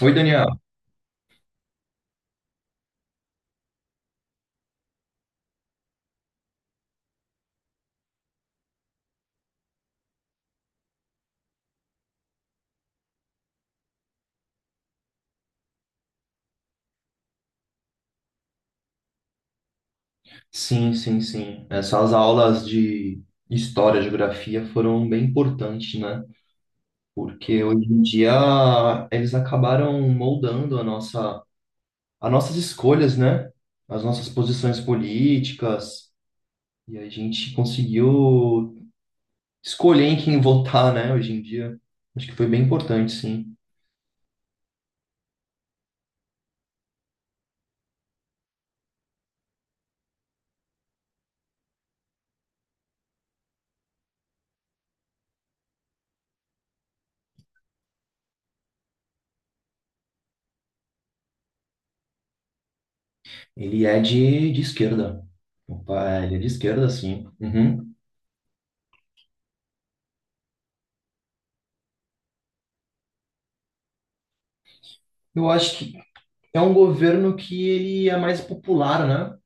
Oi, Daniel. Sim, sim, sim. Essas aulas de história, geografia foram bem importantes, né? Porque hoje em dia eles acabaram moldando as nossas escolhas, né? As nossas posições políticas. E a gente conseguiu escolher em quem votar, né? Hoje em dia. Acho que foi bem importante, sim. Ele é de esquerda. Opa, ele é de esquerda, sim. Uhum. Eu acho que é um governo que ele é mais popular, né?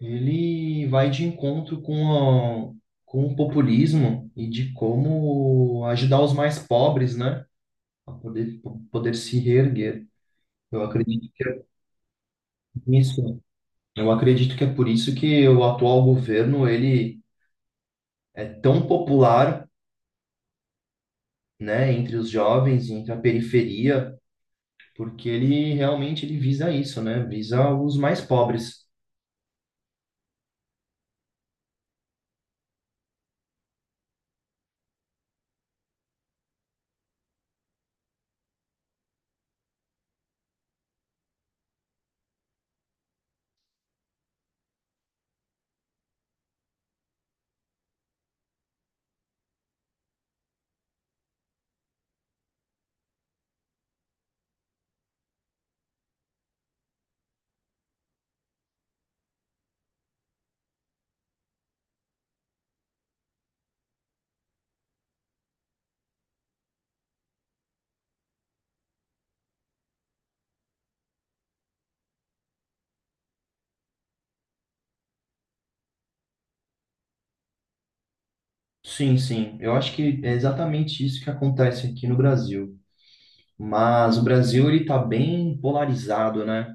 Ele vai de encontro com o populismo e de como ajudar os mais pobres, né, a poder, poder se reerguer. Eu acredito que é por isso. Eu acredito que é por isso que o atual governo ele é tão popular, né, entre os jovens, entre a periferia, porque ele realmente ele visa isso, né, visa os mais pobres. Sim, sim. Eu acho que é exatamente isso que acontece aqui no Brasil. Mas o Brasil ele está bem polarizado, né?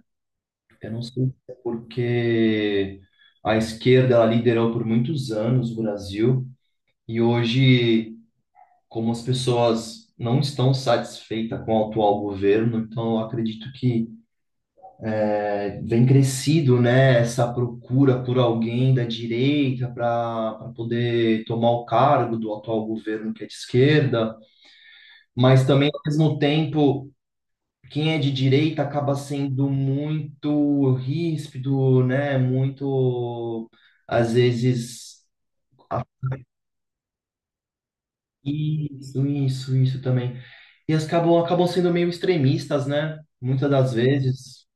Eu não sei se é porque a esquerda ela liderou por muitos anos o Brasil e hoje, como as pessoas não estão satisfeitas com o atual governo, então eu acredito que vem crescido, né, essa procura por alguém da direita para poder tomar o cargo do atual governo que é de esquerda, mas também ao mesmo tempo quem é de direita acaba sendo muito ríspido, né? Muito, às vezes, a- isso, isso, isso também. E as acabam sendo meio extremistas, né? Muitas das vezes,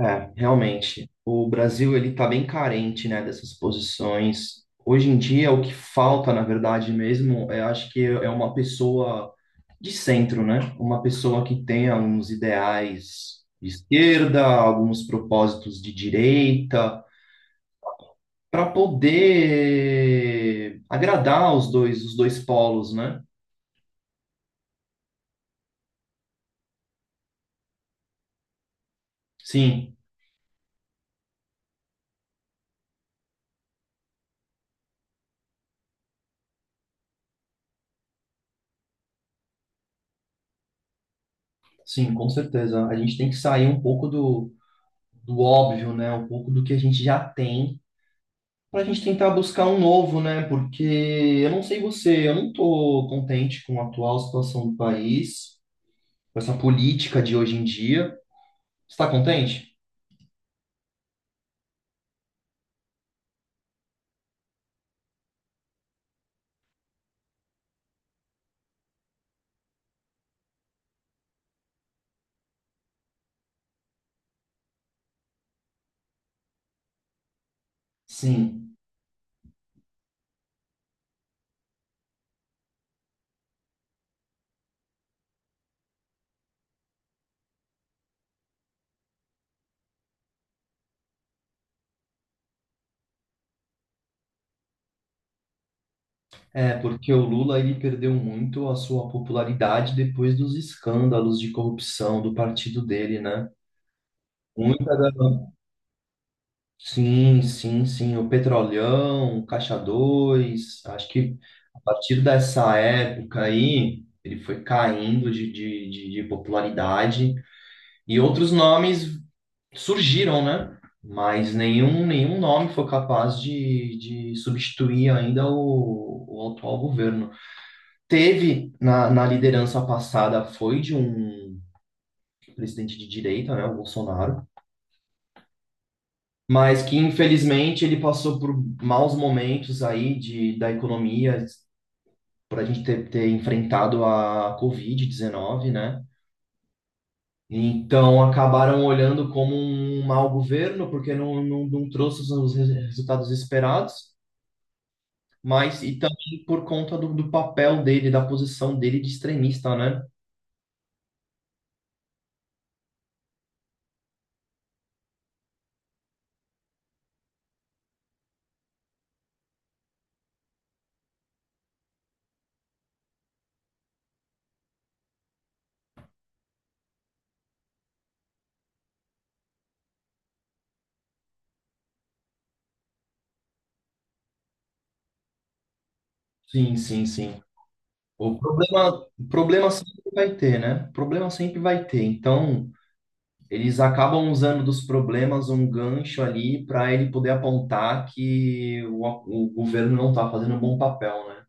é, realmente. O Brasil, ele tá bem carente, né, dessas posições. Hoje em dia, o que falta, na verdade mesmo, eu acho que é uma pessoa de centro, né? Uma pessoa que tem alguns ideais de esquerda, alguns propósitos de direita, para poder agradar os dois polos, né? Sim, sim, com certeza. A gente tem que sair um pouco do óbvio, né? Um pouco do que a gente já tem, para a gente tentar buscar um novo, né? Porque eu não sei você, eu não estou contente com a atual situação do país, com essa política de hoje em dia. Você está contente? Sim. É, porque o Lula ele perdeu muito a sua popularidade depois dos escândalos de corrupção do partido dele, né? Muita da... Sim, sim, sim. O Petrolão, o Caixa 2. Acho que a partir dessa época aí, ele foi caindo de popularidade e outros nomes surgiram, né? Mas nenhum nome foi capaz de substituir ainda o atual governo. Teve na liderança passada foi de um presidente de direita, né, o Bolsonaro, mas que infelizmente ele passou por maus momentos aí da economia, por a gente ter enfrentado a Covid-19, né? Então acabaram olhando como um mau governo, porque não trouxe os resultados esperados, mas e também por conta do papel dele, da posição dele de extremista, né? Sim, sim, sim. O problema, o problema sempre vai ter, né? O problema sempre vai ter. Então, eles acabam usando dos problemas um gancho ali para ele poder apontar que o governo não está fazendo um bom papel, né?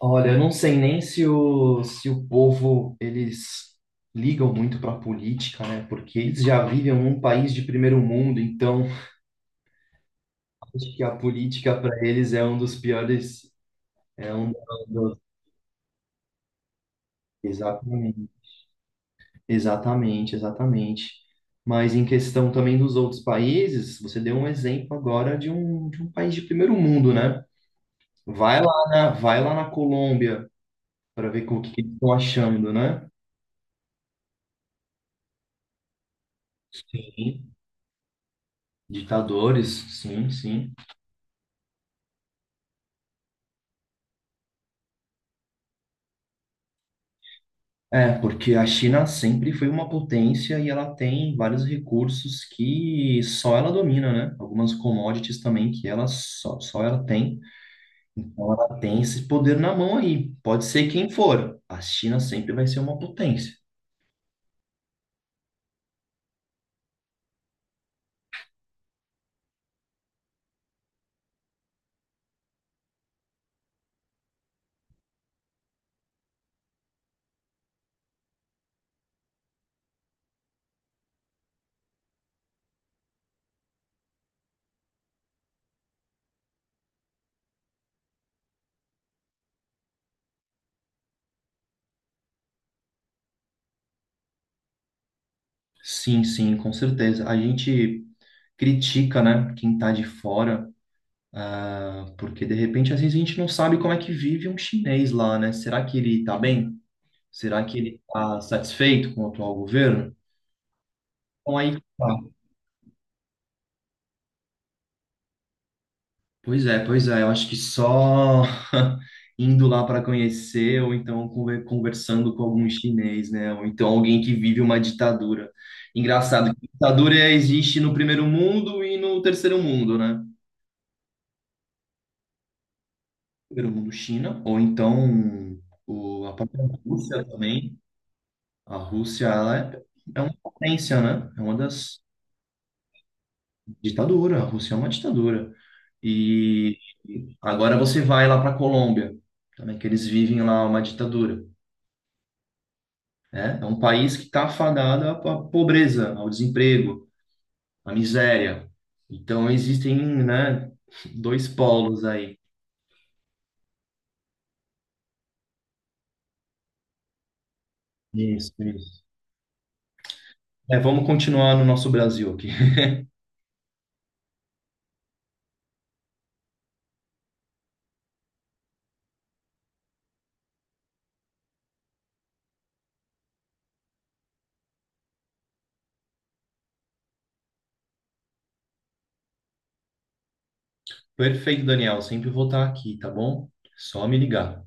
Olha, eu não sei nem se o, se o povo, eles ligam muito para a política, né? Porque eles já vivem um país de primeiro mundo, então acho que a política para eles é um dos piores, é um dos, exatamente. Exatamente, exatamente. Mas em questão também dos outros países, você deu um exemplo agora de um país de primeiro mundo, né? Vai lá na Colômbia para ver com o que que eles estão achando, né? Sim. Ditadores, sim, sim. É, porque a China sempre foi uma potência e ela tem vários recursos que só ela domina, né? Algumas commodities também que só ela tem. Então ela tem esse poder na mão aí. Pode ser quem for. A China sempre vai ser uma potência. Sim, sim, com certeza. A gente critica, né, quem tá de fora, ah, porque de repente às vezes a gente não sabe como é que vive um chinês lá, né? Será que ele tá bem? Será que ele tá satisfeito com o atual governo? Então aí, tá. Pois é, pois é. Eu acho que só indo lá para conhecer, ou então conversando com algum chinês, né? Ou então alguém que vive uma ditadura. Engraçado que ditadura existe no primeiro mundo e no terceiro mundo, né? Primeiro mundo, China, ou então a própria Rússia também. A Rússia, ela é uma potência, né? É uma das ditaduras. A Rússia é uma ditadura. E agora você vai lá para a Colômbia, também que eles vivem lá uma ditadura, né? É um país que está afadado à pobreza, ao desemprego, à miséria. Então existem, né, dois polos aí. Isso, isso. É, vamos continuar no nosso Brasil aqui. Perfeito, Daniel. Sempre vou estar aqui, tá bom? Só me ligar.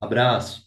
Abraço.